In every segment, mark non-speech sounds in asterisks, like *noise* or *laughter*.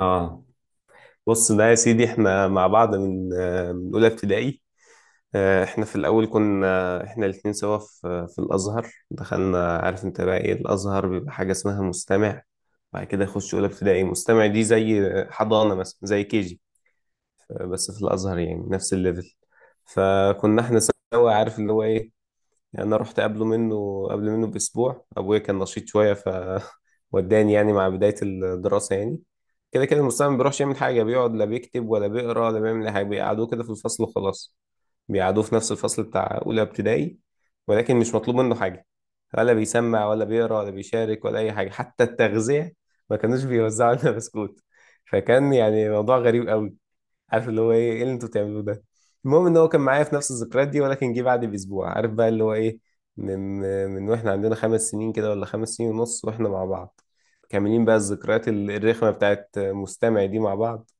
اه، بص ده يا سيدي. احنا مع بعض من اولى ابتدائي. احنا في الاول كنا احنا الاتنين سوا في الازهر. دخلنا، عارف انت بقى ايه الازهر، بيبقى حاجه اسمها مستمع. بعد كده يخش اولى ابتدائي، مستمع دي زي حضانه مثلا، زي كيجي، بس في الازهر يعني نفس الليفل. فكنا احنا سوا، عارف اللي هو ايه. يعني انا رحت قبل منه باسبوع. ابويا كان نشيط شويه، ف *laughs* وداني يعني مع بدايه الدراسه يعني. كده كده المستوى ما بيروحش يعمل حاجه. بيقعد، لا بيكتب ولا بيقرا ولا بيعمل اي حاجه. بيقعدوه كده في الفصل وخلاص. بيقعدوه في نفس الفصل بتاع اولى ابتدائي، ولكن مش مطلوب منه حاجه، ولا بيسمع ولا بيقرا ولا بيشارك ولا اي حاجه. حتى التغذيه ما كانوش بيوزعوا لنا بسكوت. فكان يعني موضوع غريب قوي، عارف اللي هو ايه، ايه اللي انتوا بتعملوه ده. المهم ان هو كان معايا في نفس الذكريات دي، ولكن جه بعد باسبوع. عارف بقى اللي هو ايه، من من واحنا عندنا خمس سنين كده، ولا خمس سنين ونص، واحنا مع بعض. كاملين بقى الذكريات الرخمه بتاعت مستمع دي مع بعض.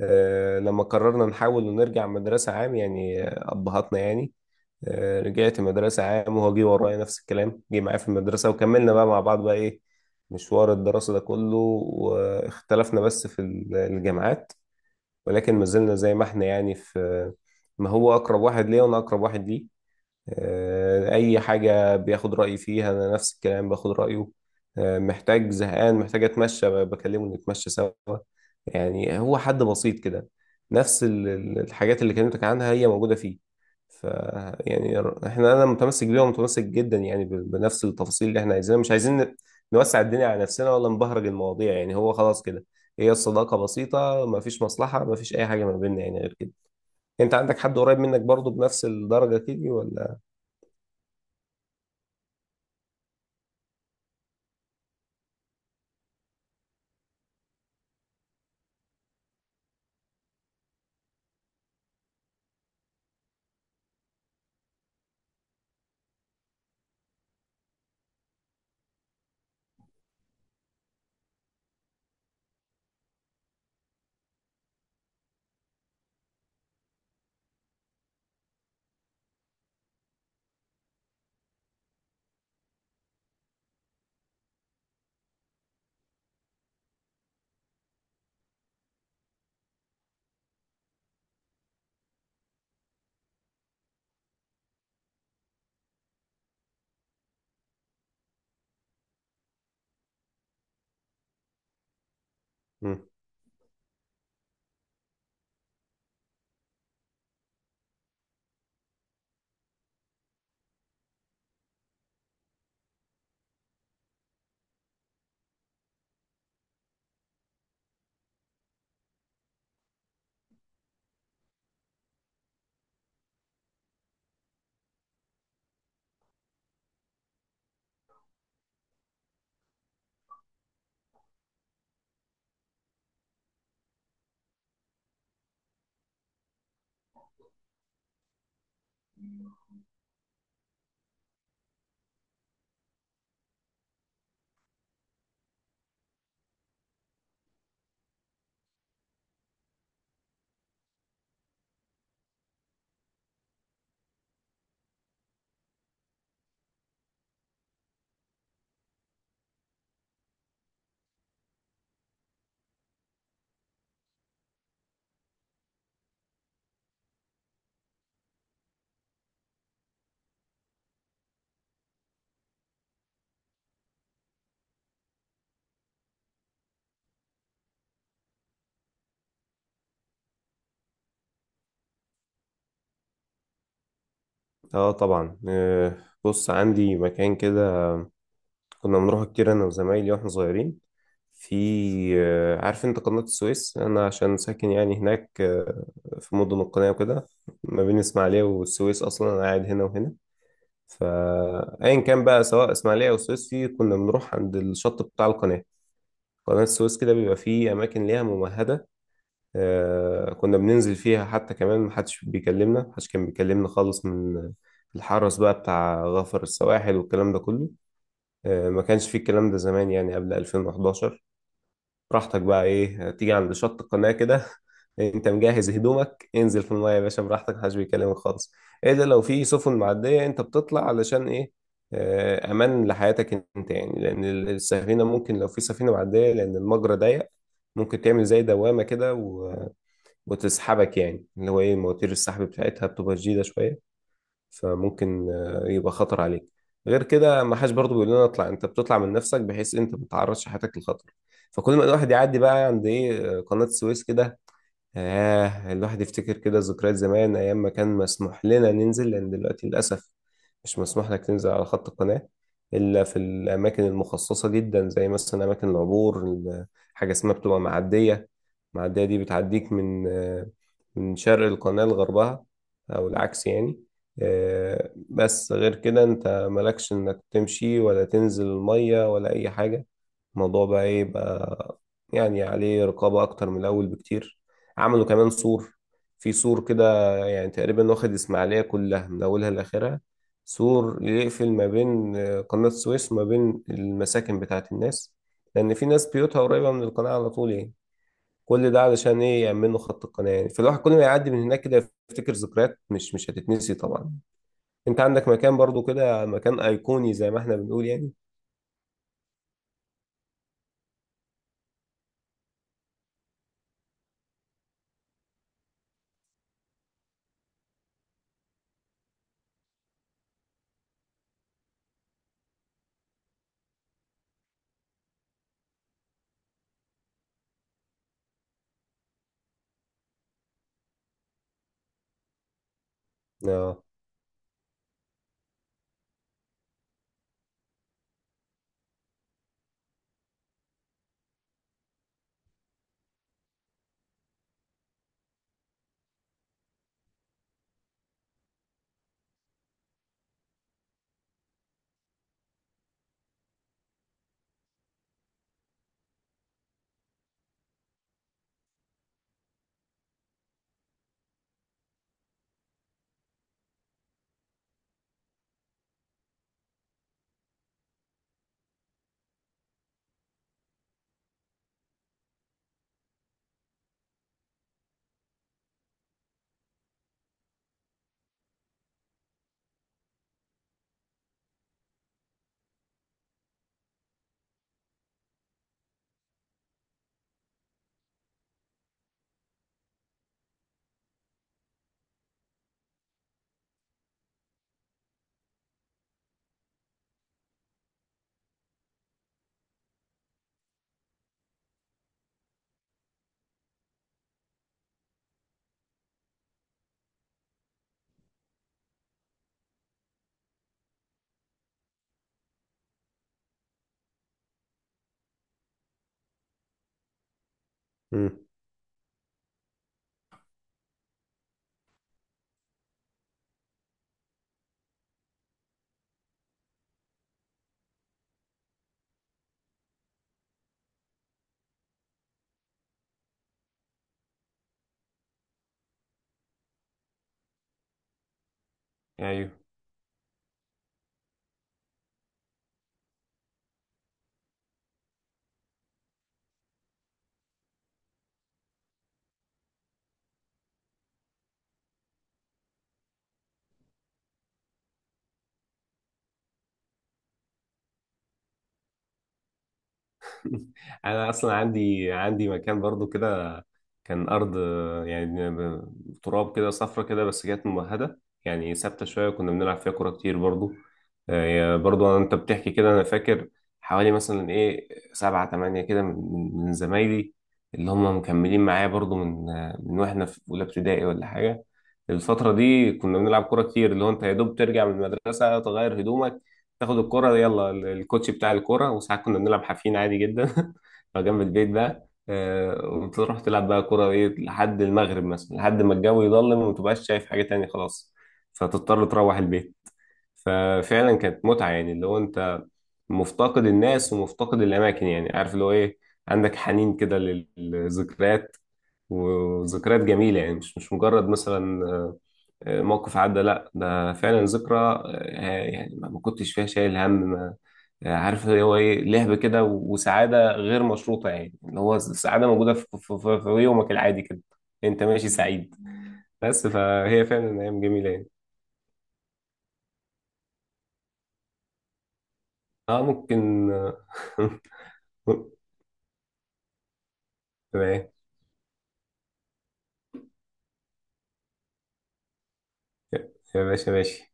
لما قررنا نحاول ونرجع مدرسه عام يعني، ابهاتنا يعني. رجعت مدرسه عام، وهو جه ورايا نفس الكلام. جه معايا في المدرسه، وكملنا بقى مع بعض بقى ايه، مشوار الدراسه ده كله. واختلفنا بس في الجامعات، ولكن ما زلنا زي ما احنا يعني. في، ما هو أقرب واحد ليا، وأنا أقرب واحد ليه. أي حاجة بياخد رأيي فيها، أنا نفس الكلام باخد رأيه. محتاج، زهقان، محتاج أتمشى، بكلمه نتمشى سوا. يعني هو حد بسيط كده. نفس الحاجات اللي كلمتك عنها هي موجودة فيه. ف يعني انا متمسك بيها، ومتمسك جدا يعني بنفس التفاصيل اللي احنا عايزينها. مش عايزين نوسع الدنيا على نفسنا، ولا نبهرج المواضيع. يعني هو خلاص كده، هي الصداقة بسيطة، ما فيش مصلحة، ما فيش اي حاجة ما بيننا يعني غير كده. انت عندك حد قريب منك برضو بنفس الدرجة كده ولا؟ مم. اه، طبعا. بص، عندي مكان كده كنا بنروح كتير انا وزمايلي واحنا صغيرين في، عارف انت قناة السويس، انا عشان ساكن يعني هناك. في مدن القناة وكده، ما بين اسماعيلية والسويس. اصلا انا قاعد هنا وهنا. فايا كان بقى، سواء اسماعيلية او السويس، في كنا بنروح عند الشط بتاع القناة. قناة السويس كده بيبقى فيه اماكن ليها ممهدة. كنا بننزل فيها، حتى كمان محدش بيكلمنا، محدش كان بيكلمنا خالص من الحرس بقى بتاع غفر السواحل والكلام ده كله. ما كانش فيه الكلام ده زمان، يعني قبل 2011 براحتك بقى ايه. تيجي عند شط القناة كده *laughs* انت مجهز هدومك، انزل في المايه يا باشا براحتك، محدش بيكلمك خالص. ايه ده؟ لو في سفن معدية انت بتطلع، علشان ايه؟ امان لحياتك انت، يعني لان السفينة ممكن، لو في سفينة معدية، لان المجرى ضيق، ممكن تعمل زي دوامة كده وتسحبك، يعني اللي هو ايه، مواتير السحب بتاعتها بتبقى شديدة شوية. فممكن يبقى خطر عليك. غير كده، ما حدش برضه بيقول لنا اطلع، انت بتطلع من نفسك بحيث انت ما تعرضش حياتك للخطر. فكل ما الواحد يعدي بقى عند ايه، قناة السويس كده، الواحد يفتكر كده ذكريات زمان، أيام ما كان مسموح لنا ننزل. لأن دلوقتي للأسف مش مسموح لك تنزل على خط القناة، إلا في الأماكن المخصصة جدا، زي مثلا أماكن العبور. حاجة اسمها بتبقى معدية. المعدية دي بتعديك من من شرق القناة لغربها، أو العكس يعني. بس غير كده أنت مالكش إنك تمشي، ولا تنزل المية، ولا أي حاجة. الموضوع بقى ايه بقى، يعني عليه رقابة أكتر من الأول بكتير. عملوا كمان سور، في سور كده يعني تقريبا واخد إسماعيلية كلها من أولها لآخرها، سور يقفل ما بين قناة السويس وما بين المساكن بتاعة الناس، لأن في ناس بيوتها قريبة من القناة على طول يعني. كل ده علشان إيه، يأمنوا خط القناة يعني. فالواحد كل ما يعدي من هناك كده يفتكر ذكريات مش مش هتتنسي طبعا. أنت عندك مكان برضو كده، مكان أيقوني زي ما إحنا بنقول يعني؟ آه. أمم. *laughs* انا اصلا عندي مكان برضو كده. كان ارض، يعني تراب كده، صفرة كده، بس كانت ممهدة، يعني ثابتة شوية. كنا بنلعب فيها كورة كتير برضو. برضو انت بتحكي كده، انا فاكر حوالي مثلا ايه، سبعة تمانية كده من زمايلي، اللي هم مكملين معايا برضو من واحنا في اولى ابتدائي ولا حاجة. الفترة دي كنا بنلعب كورة كتير، اللي هو انت يا دوب ترجع من المدرسة، تغير هدومك، تاخد الكورة، يلا الكوتش بتاع الكورة. وساعات كنا بنلعب حافين عادي جدا *laughs* لو جنب البيت بقى. وتروح تلعب بقى كورة ايه، لحد المغرب مثلا، لحد ما الجو يظلم ومتبقاش شايف حاجة تانية خلاص، فتضطر تروح البيت. ففعلا كانت متعة، يعني اللي هو انت مفتقد الناس، ومفتقد الاماكن، يعني عارف اللي هو ايه، عندك حنين كده للذكريات. وذكريات جميلة، يعني مش مجرد مثلا موقف عدى، لا ده فعلا ذكرى. يعني ما كنتش فيها شايل هم. ما عارف اللي هو ايه، لهب كده، وسعادة غير مشروطة، يعني اللي هو السعادة موجودة في يومك العادي كده، انت ماشي سعيد. بس فهي فعلا ايام جميلة يعني. اه، ممكن *laughs* آه، تمام. يا يا باشا ماشي.